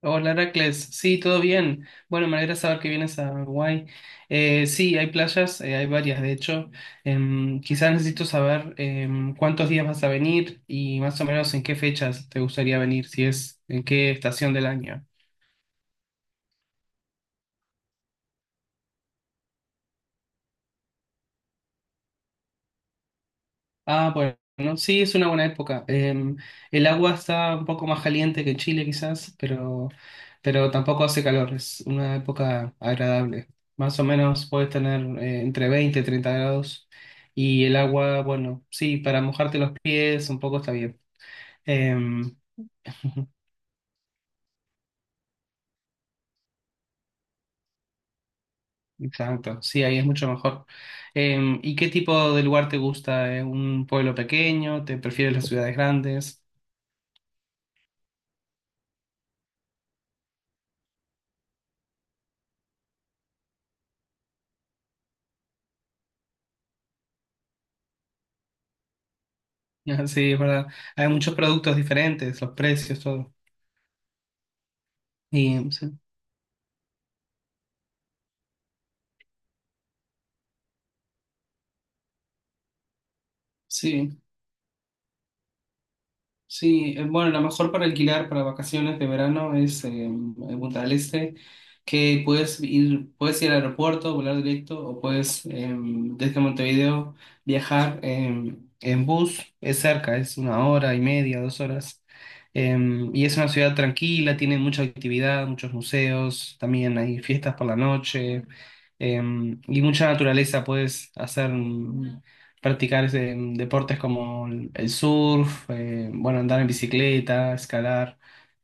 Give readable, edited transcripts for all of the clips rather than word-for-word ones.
Hola Heracles, sí, todo bien. Bueno, me alegra saber que vienes a Uruguay. Sí, hay playas, hay varias de hecho. Quizás necesito saber cuántos días vas a venir y más o menos en qué fechas te gustaría venir, si es en qué estación del año. Ah, bueno, sí, es una buena época. El agua está un poco más caliente que en Chile quizás, pero tampoco hace calor, es una época agradable. Más o menos puedes tener entre 20 y 30 grados, y el agua, bueno, sí, para mojarte los pies un poco está bien. Em, exacto, sí, ahí es mucho mejor. ¿Y qué tipo de lugar te gusta? ¿Eh? ¿Un pueblo pequeño? ¿Te prefieres las ciudades grandes? Sí, es verdad. Hay muchos productos diferentes, los precios, todo. Sí, o sea, sí, sí. Bueno, la mejor para alquilar para vacaciones de verano es en Punta del Este, que puedes ir al aeropuerto, volar directo, o puedes desde Montevideo viajar en bus. Es cerca, es una hora y media, 2 horas. Eh, y es una ciudad tranquila, tiene mucha actividad, muchos museos, también hay fiestas por la noche, eh, y mucha naturaleza. Puedes hacer, deportes como el surf, bueno, andar en bicicleta, escalar.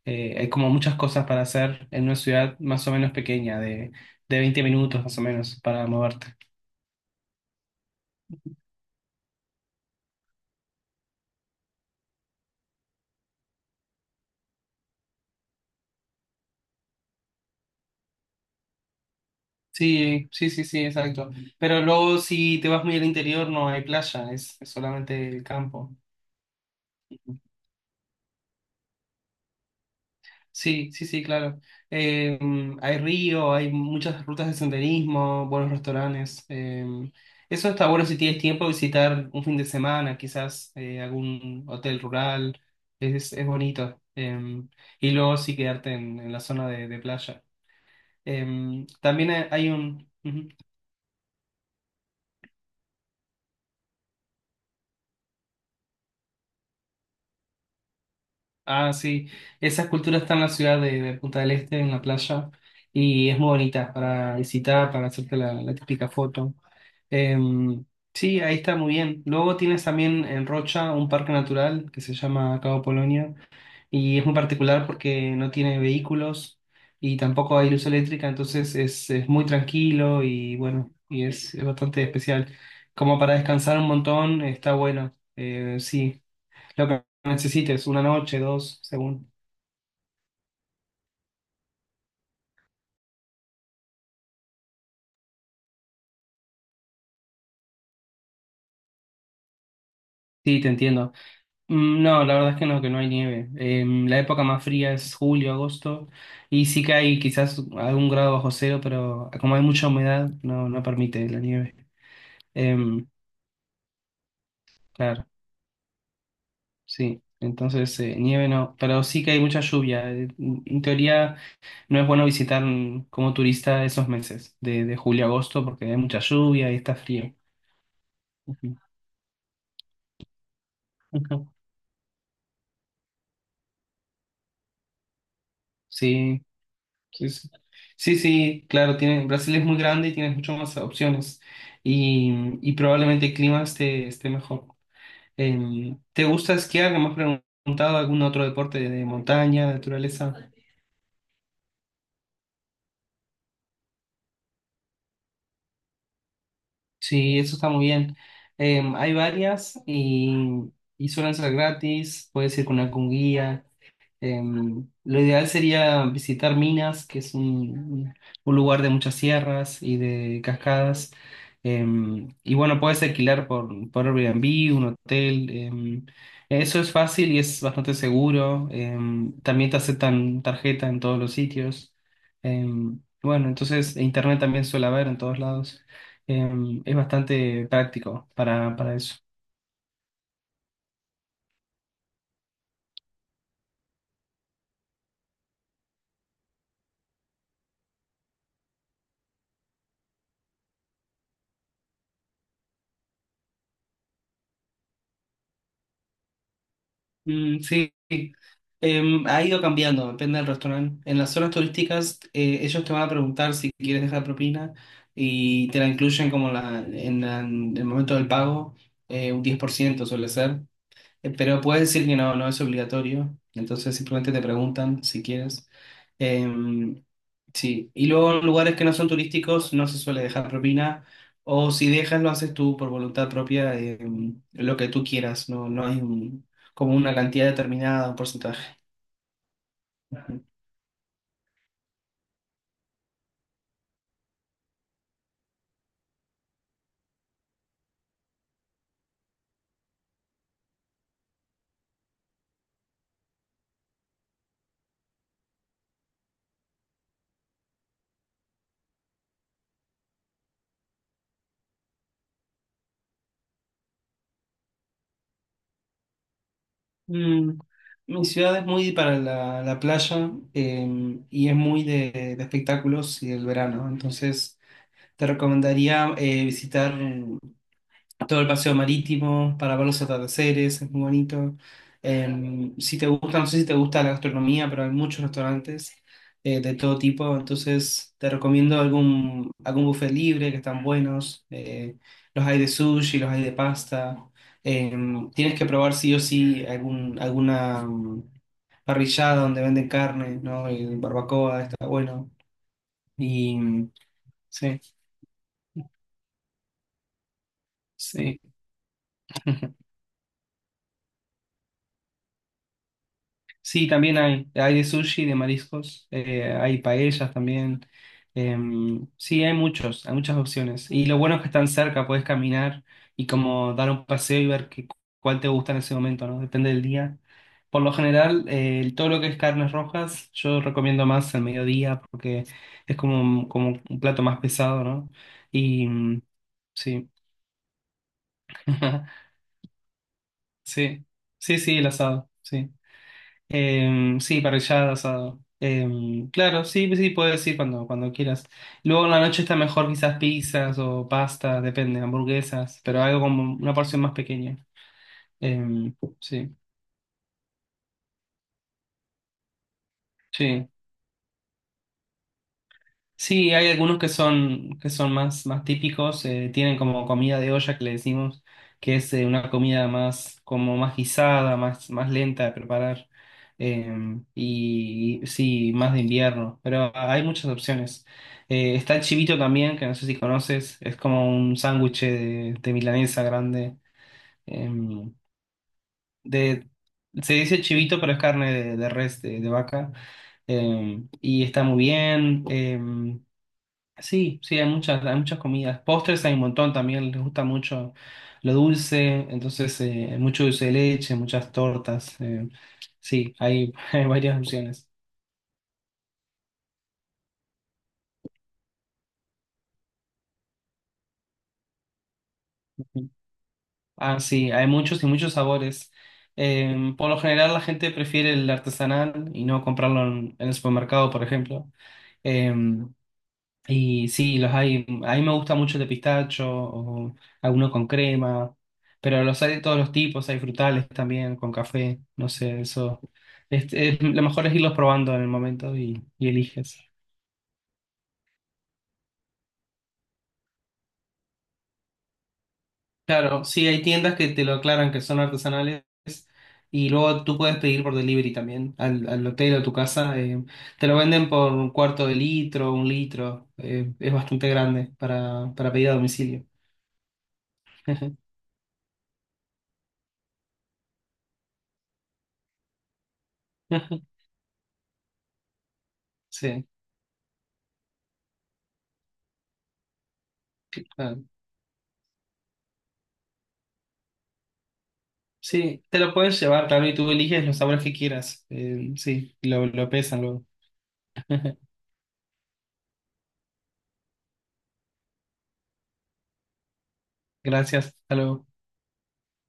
Hay como muchas cosas para hacer en una ciudad más o menos pequeña, de 20 minutos más o menos, para moverte. Sí, sí, sí, sí, exacto. Pero luego si te vas muy al interior no hay playa, es solamente el campo. Sí, sí, sí, claro. Hay río, hay muchas rutas de senderismo, buenos restaurantes. Eso está bueno si tienes tiempo de visitar un fin de semana, quizás algún hotel rural. Es bonito. Y luego sí quedarte en la zona de playa. También hay un. Ujú. Ah, sí. Esa escultura está en la ciudad de Punta del Este, en la playa, y es muy bonita para visitar, para hacerte la típica foto. Em, sí, ahí está muy bien. Luego tienes también en Rocha un parque natural que se llama Cabo Polonio, y es muy particular porque no tiene vehículos y tampoco hay luz eléctrica, entonces es muy tranquilo y bueno, y es bastante especial. Como para descansar un montón, está bueno. Sí. Lo que necesites, una noche, dos, según. Sí, te entiendo. No, la verdad es que no, hay nieve. La época más fría es julio, agosto, y sí que hay quizás algún grado bajo cero, pero como hay mucha humedad, no, no permite la nieve. Em, claro, sí. Entonces, nieve no, pero sí que hay mucha lluvia. En teoría, no es bueno visitar, como turista, esos meses de julio a agosto porque hay mucha lluvia y está frío. Ujú. Ujú. Sí. Sí, sí, sí, sí, claro, tiene, Brasil es muy grande y tiene muchas más opciones, y, y probablemente el clima esté mejor. ¿Te gusta esquiar? ¿No? Me has preguntado algún otro deporte de montaña, naturaleza. Sí, eso está muy bien. Hay varias, y suelen ser gratis, puedes ir con algún guía. Lo ideal sería visitar Minas, que es lugar de muchas sierras y de cascadas. Y bueno, puedes alquilar por Airbnb, un hotel. Eso es fácil y es bastante seguro. También te aceptan tarjeta en todos los sitios. Bueno, entonces internet también suele haber en todos lados. Es bastante práctico para eso. Sí. Ha ido cambiando, depende del restaurante. En las zonas turísticas, ellos te van a preguntar si quieres dejar propina y te la incluyen como en el momento del pago, un 10% suele ser. Pero puedes decir que no, no es obligatorio. Entonces simplemente te preguntan si quieres. Em, sí. Y luego en lugares que no son turísticos no se suele dejar propina. O si dejas, lo haces tú por voluntad propia, lo que tú quieras. No, no hay como una cantidad determinada, un porcentaje. Mm, Mi ciudad es muy para la playa, y es muy de espectáculos y del verano. Entonces te recomendaría visitar todo el paseo marítimo para ver los atardeceres, es muy bonito. Si te gusta, no sé si te gusta la gastronomía, pero hay muchos restaurantes de todo tipo, entonces te recomiendo algún buffet libre que están buenos. Los hay de sushi, los hay de pasta. Eh, Tienes que probar sí o sí algún, alguna parrillada donde venden carne, ¿no? Y barbacoa, está bueno. Y mm, sí, sí. Sí, también hay. Hay de sushi, de mariscos, hay paellas también. Sí, hay muchos, hay muchas opciones. Y lo bueno es que están cerca, puedes caminar y como dar un paseo y ver qué, cuál te gusta en ese momento, ¿no? Depende del día. Por lo general, todo lo que es carnes rojas, yo recomiendo más al mediodía porque es como como un plato más pesado, ¿no? Y mm, sí. Sí, sí, sí, el asado, sí. Sí, parrillada, asado. Claro, sí, sí, puedes decir cuando quieras. Luego en la noche está mejor quizás pizzas o pasta, depende, hamburguesas, pero algo como una porción más pequeña. Sí, sí. Sí, hay algunos que son más típicos, tienen como comida de olla que le decimos, que es una comida más, como más guisada, más lenta de preparar, y sí, más de invierno, pero hay muchas opciones. Está el chivito también, que no sé si conoces, es como un sándwich de milanesa grande, eh, de, se dice chivito, pero es carne de res, de vaca. Y está muy bien. Sí, sí, hay muchas comidas. Postres hay un montón también, les gusta mucho lo dulce, entonces mucho dulce de leche, muchas tortas. Sí, hay, hay varias opciones. Ah, sí, hay muchos y muchos sabores. Por lo general la gente prefiere el artesanal y no comprarlo en el supermercado, por ejemplo. Eh, Y sí, los hay. A mí me gusta mucho el de pistacho, o alguno con crema, pero los hay de todos los tipos, hay frutales también, con café, no sé, eso. Este, lo mejor es irlos probando en el momento, y eliges. Claro, sí, hay tiendas que te lo aclaran que son artesanales y luego tú puedes pedir por delivery también al hotel o a tu casa. Te lo venden por un cuarto de litro, un litro, es bastante grande para pedir a domicilio. Sí, claro. Sí, te lo puedes llevar, claro, y tú eliges los sabores que quieras. Sí, lo pesan luego. Gracias, hasta luego.